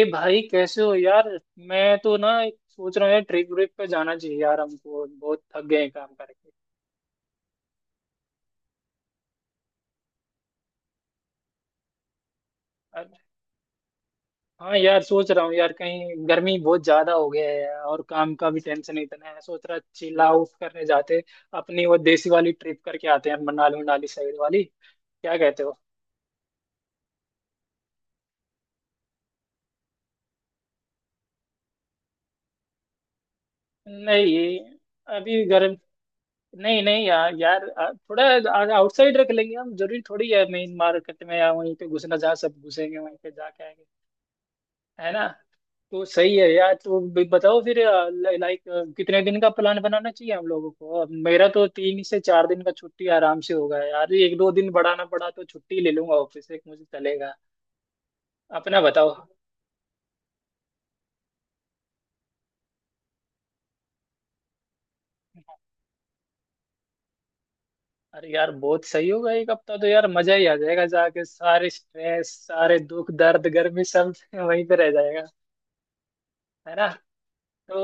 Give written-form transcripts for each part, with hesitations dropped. ए भाई कैसे हो यार। मैं तो ना एक सोच रहा हूँ यार, ट्रिप व्रिप पे जाना चाहिए यार, हमको बहुत थक गए हैं काम करके। अरे हाँ यार सोच रहा हूँ यार, कहीं गर्मी बहुत ज्यादा हो गया है और काम का भी टेंशन इतना है, सोच रहा चिल आउट करने जाते। अपनी वो देसी वाली ट्रिप करके आते हैं, मनाली, मनाली साइड वाली। क्या कहते हो? नहीं, अभी गर्म। नहीं नहीं यार, यार थोड़ा आउटसाइड रख लेंगे हम, जरूरी थोड़ी है मेन मार्केट में या वहीं पे घुसना जहाँ सब घुसेंगे वहीं पे जाके आएंगे। है ना? तो सही है यार, तो भी बताओ फिर। लाइक कितने दिन का प्लान बनाना चाहिए हम लोगों को? अब मेरा तो 3 से 4 दिन का छुट्टी आराम से होगा यार, एक दो दिन बढ़ाना पड़ा तो छुट्टी ले लूंगा ऑफिस से, मुझे चलेगा। अपना बताओ। अरे यार बहुत सही होगा एक हफ्ता तो, यार मजा ही आ जाएगा जाके, सारे स्ट्रेस सारे दुख दर्द गर्मी सब वहीं पे रह जाएगा। है ना? तो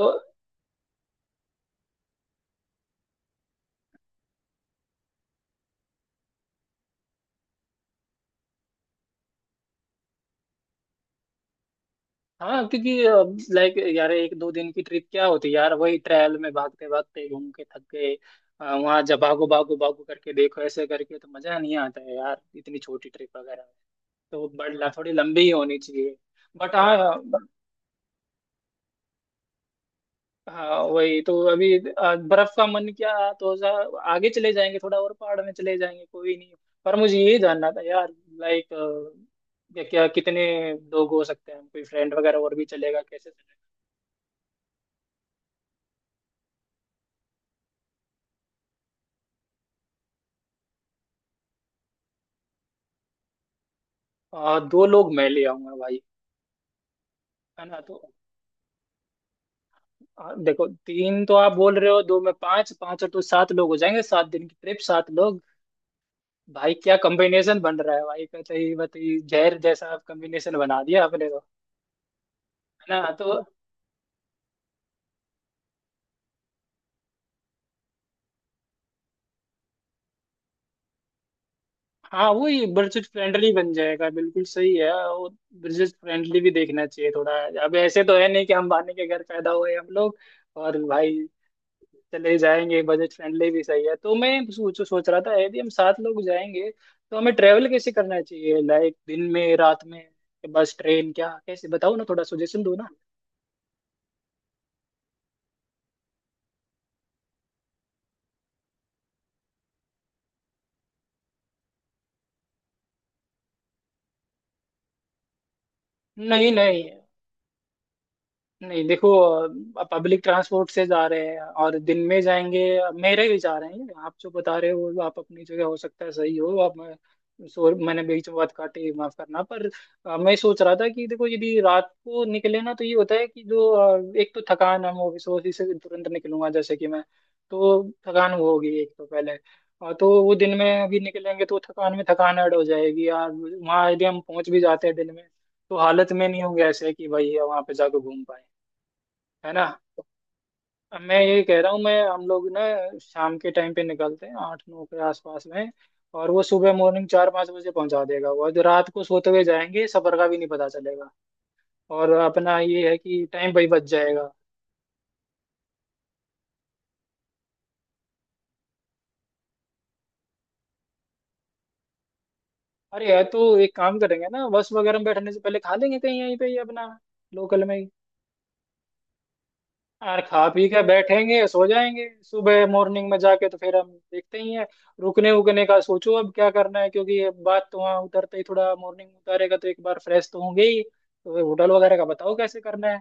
हाँ, क्योंकि लाइक यार एक दो दिन की ट्रिप क्या होती यार, वही ट्रायल में भागते भागते घूम के थक गए। वहाँ जब भागो भागो भागो करके देखो, ऐसे करके तो मजा नहीं आता है यार इतनी छोटी ट्रिप वगैरह में। तो बड़ा थोड़ी लंबी ही होनी चाहिए। बट हाँ। हाँ वही तो, अभी बर्फ का मन क्या तो आगे चले जाएंगे, थोड़ा और पहाड़ में चले जाएंगे, कोई नहीं। पर मुझे ये जानना था यार, लाइक क्या क्या कितने लोग हो सकते हैं? कोई फ्रेंड वगैरह और भी चलेगा कैसे? दो लोग मैं ले आऊंगा भाई। है ना? तो देखो तीन तो आप बोल रहे हो, दो में पांच, पांच और दो सात, लोग हो जाएंगे। 7 दिन की ट्रिप, 7 लोग। भाई क्या कॉम्बिनेशन बन रहा है भाई, बताइए बताइए, जहर जैसा आप कॉम्बिनेशन बना दिया आपने तो। है ना? तो हाँ, वही बजट फ्रेंडली बन जाएगा, बिल्कुल सही है वो। बजट फ्रेंडली भी देखना चाहिए थोड़ा, अब ऐसे तो है नहीं कि हम बाने के घर पैदा हुए हम लोग। और भाई चले जाएंगे, बजट फ्रेंडली भी सही है। तो मैं सोच सोच रहा था यदि हम 7 लोग जाएंगे तो हमें ट्रेवल कैसे करना चाहिए? लाइक दिन में, रात में, बस, ट्रेन, क्या कैसे? बताओ ना, थोड़ा सजेशन दो ना। नहीं नहीं, नहीं देखो, पब्लिक ट्रांसपोर्ट से जा रहे हैं और दिन में जाएंगे, मेरे विचार हैं ये। आप जो बता रहे हो आप अपनी जगह हो सकता है सही हो आप, सो मैंने बीच में बात काटी, माफ करना, पर मैं सोच रहा था कि देखो यदि रात को निकले ना, तो ये होता है कि जो एक तो थकान, हम ऑफिस ऑफिस से तुरंत निकलूंगा जैसे कि मैं, तो थकान वो होगी एक तो पहले। तो वो दिन में अभी निकलेंगे तो थकान में थकान ऐड हो जाएगी यार, वहाँ यदि हम पहुंच भी जाते हैं दिन में तो हालत में नहीं होंगे ऐसे कि भाई वहां पे जाकर घूम पाए। है ना? मैं ये कह रहा हूँ, मैं हम लोग ना शाम के टाइम पे निकलते हैं 8-9 के आसपास में और वो सुबह मॉर्निंग 4-5 बजे पहुंचा देगा वो, और जो रात को सोते हुए जाएंगे सफर का भी नहीं पता चलेगा। और अपना ये है कि टाइम भाई बच जाएगा। अरे यार, तो एक काम करेंगे ना, बस वगैरह में बैठने से पहले खा लेंगे कहीं यहीं पे ही अपना, लोकल में। यार खा पी के बैठेंगे, सो जाएंगे, सुबह मॉर्निंग में जाके तो फिर हम देखते ही हैं। रुकने उकने का सोचो अब क्या करना है, क्योंकि ये बात तो वहाँ उतरते ही, थोड़ा मॉर्निंग में उतारेगा तो एक बार फ्रेश तो होंगे ही। तो होटल वगैरह का बताओ कैसे करना है।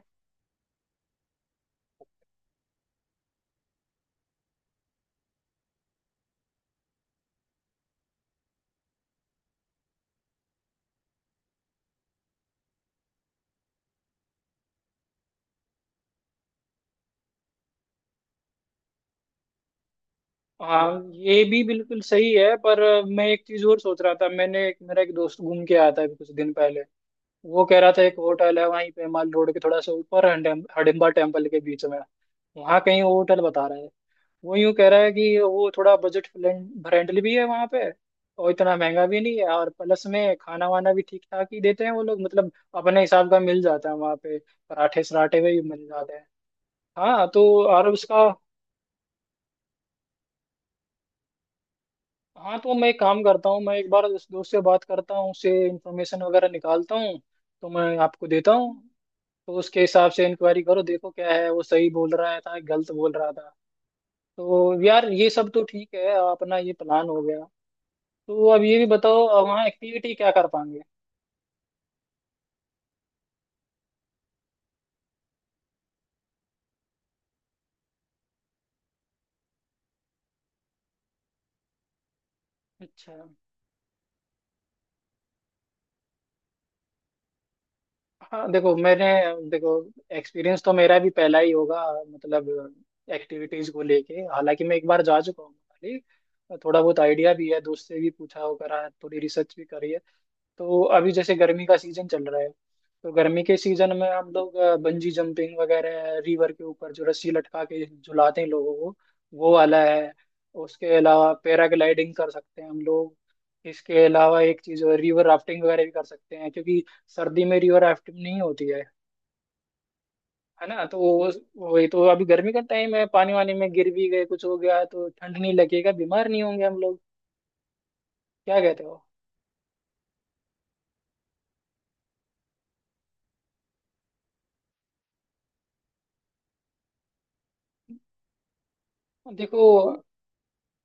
हाँ ये भी बिल्कुल सही है, पर मैं एक चीज और सोच रहा था। मैंने एक, मेरा एक दोस्त घूम के आया था अभी कुछ दिन पहले, वो कह रहा था एक होटल है वहीं पे माल रोड के थोड़ा सा ऊपर, हडिम्बा टेम्पल के बीच में वहाँ कहीं वो होटल बता रहा है। वो यूं कह रहा है कि वो थोड़ा बजट फ्रेंडली भी है वहाँ पे, और इतना महंगा भी नहीं है, और प्लस में खाना वाना भी ठीक ठाक ही देते हैं वो लोग, मतलब अपने हिसाब का मिल जाता है वहाँ पे, पराठे सराठे भी मिल जाते हैं। हाँ तो, और उसका, हाँ तो मैं एक काम करता हूँ, मैं एक बार उस दोस्त से बात करता हूँ, उससे इंफॉर्मेशन वगैरह निकालता हूँ, तो मैं आपको देता हूँ, तो उसके हिसाब से इंक्वायरी करो, देखो क्या है, वो सही बोल रहा था गलत बोल रहा था। तो यार ये सब तो ठीक है, अपना ये प्लान हो गया। तो अब ये भी बताओ अब वहाँ एक्टिविटी क्या कर पाएंगे? अच्छा, हाँ देखो, मैंने देखो, एक्सपीरियंस तो मेरा भी पहला ही होगा, मतलब एक्टिविटीज को लेके, हालांकि मैं एक बार जा चुका हूँ मनाली, थोड़ा बहुत आइडिया भी है, दोस्त से भी पूछा हो करा है, थोड़ी रिसर्च भी करी है। तो अभी जैसे गर्मी का सीजन चल रहा है, तो गर्मी के सीजन में हम लोग बंजी जंपिंग वगैरह, रिवर के ऊपर जो रस्सी लटका के झुलाते हैं लोगों को, वो वाला है। उसके अलावा पैराग्लाइडिंग कर सकते हैं हम लोग। इसके अलावा एक चीज, रिवर राफ्टिंग वगैरह भी कर सकते हैं, क्योंकि सर्दी में रिवर राफ्टिंग नहीं होती है। है ना? तो वो, वही तो, अभी गर्मी का टाइम है, पानी वानी में गिर भी गए कुछ हो गया तो ठंड नहीं लगेगा, बीमार नहीं होंगे हम लोग। क्या कहते हो? देखो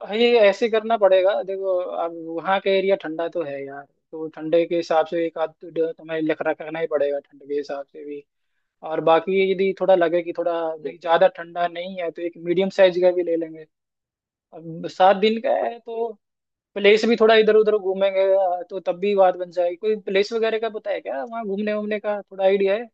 भाई ऐसे करना पड़ेगा, देखो अब वहाँ का एरिया ठंडा तो है यार, तो ठंडे के हिसाब से एक आध तो जो तुम्हें लग रखा करना ही पड़ेगा, ठंड के हिसाब से भी। और बाकी यदि थोड़ा लगे कि थोड़ा ज्यादा ठंडा नहीं है, तो एक मीडियम साइज का भी ले लेंगे। अब 7 दिन का है तो प्लेस भी थोड़ा इधर उधर घूमेंगे, तो तब भी बात बन जाएगी। कोई प्लेस वगैरह का पता है क्या, वहाँ घूमने वूमने का थोड़ा आइडिया है?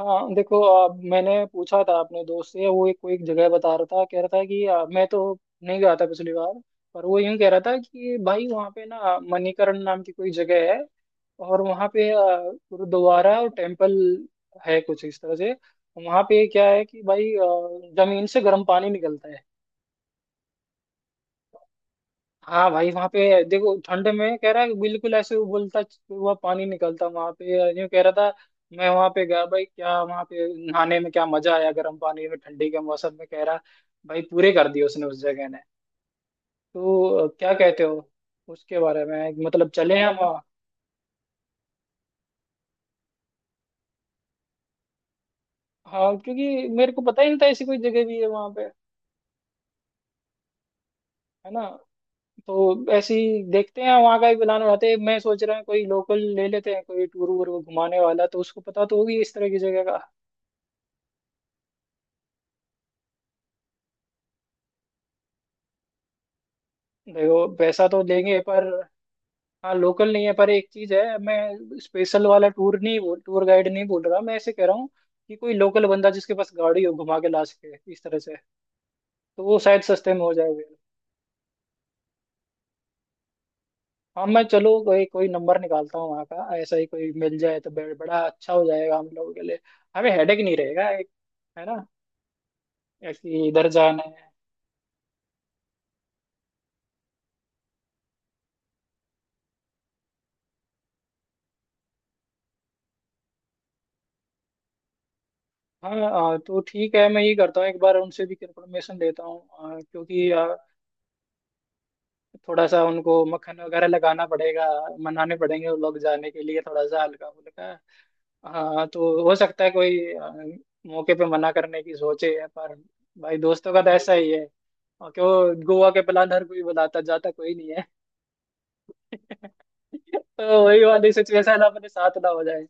हाँ देखो, मैंने पूछा था अपने दोस्त से, वो एक कोई एक जगह बता रहा था, कह रहा था कि मैं तो नहीं गया था पिछली बार, पर वो यूं कह रहा था कि भाई वहाँ पे ना मणिकरण नाम की कोई जगह है, और वहाँ पे गुरुद्वारा और टेम्पल है कुछ इस तरह से। वहाँ पे क्या है कि भाई जमीन से गर्म पानी निकलता है। हाँ भाई, वहां पे देखो ठंड में कह रहा है कि बिल्कुल ऐसे उबलता हुआ पानी निकलता वहां पे, यूं कह रहा था। मैं वहां पे गया भाई, क्या वहां पे नहाने में क्या मजा आया, गर्म पानी में ठंडी के मौसम में, कह रहा भाई पूरे कर दिए उसने उस जगह ने। तो क्या कहते हो उसके बारे में, मतलब चले हम वहाँ? हाँ, क्योंकि मेरे को पता ही नहीं था ऐसी कोई जगह भी है वहां पे। है ना? तो ऐसे ही देखते हैं, वहां का भी प्लान बनाते हैं। मैं सोच रहा हूँ कोई लोकल ले लेते हैं कोई टूर वूर को घुमाने वाला, तो उसको पता तो होगी इस तरह की जगह का। देखो पैसा तो देंगे, पर हाँ लोकल नहीं है पर एक चीज है, मैं स्पेशल वाला टूर नहीं बोल, टूर गाइड नहीं बोल रहा, मैं ऐसे कह रहा हूँ कि कोई लोकल बंदा जिसके पास गाड़ी हो, घुमा के ला सके इस तरह से, तो वो शायद सस्ते में हो जाएगा। हाँ मैं, चलो कोई कोई नंबर निकालता हूँ वहाँ का, ऐसा ही कोई मिल जाए तो बड़ा अच्छा हो जाएगा हम लोगों के लिए, हमें हेडेक नहीं रहेगा एक। है ना, कि इधर जाना है। हाँ हाँ, तो ठीक है, मैं ये करता हूँ, एक बार उनसे भी कंफर्मेशन लेता हूँ, हाँ, क्योंकि थोड़ा सा उनको मक्खन वगैरह लगाना पड़ेगा, मनाने पड़ेंगे वो लोग जाने के लिए, थोड़ा सा हल्का फुल्का। हाँ तो हो सकता है कोई मौके पे मना करने की सोचे है, पर भाई दोस्तों का तो ऐसा ही है। और क्यों, गोवा के प्लान हर कोई बनाता, जाता कोई नहीं है। तो वही वाली सिचुएशन अपने साथ ना हो जाए।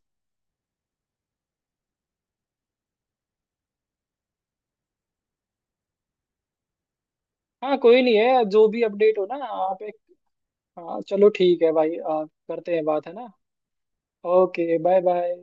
हाँ कोई नहीं है, जो भी अपडेट हो ना आप, एक, हाँ चलो ठीक है भाई, आप करते हैं बात, है ना। Okay bye bye.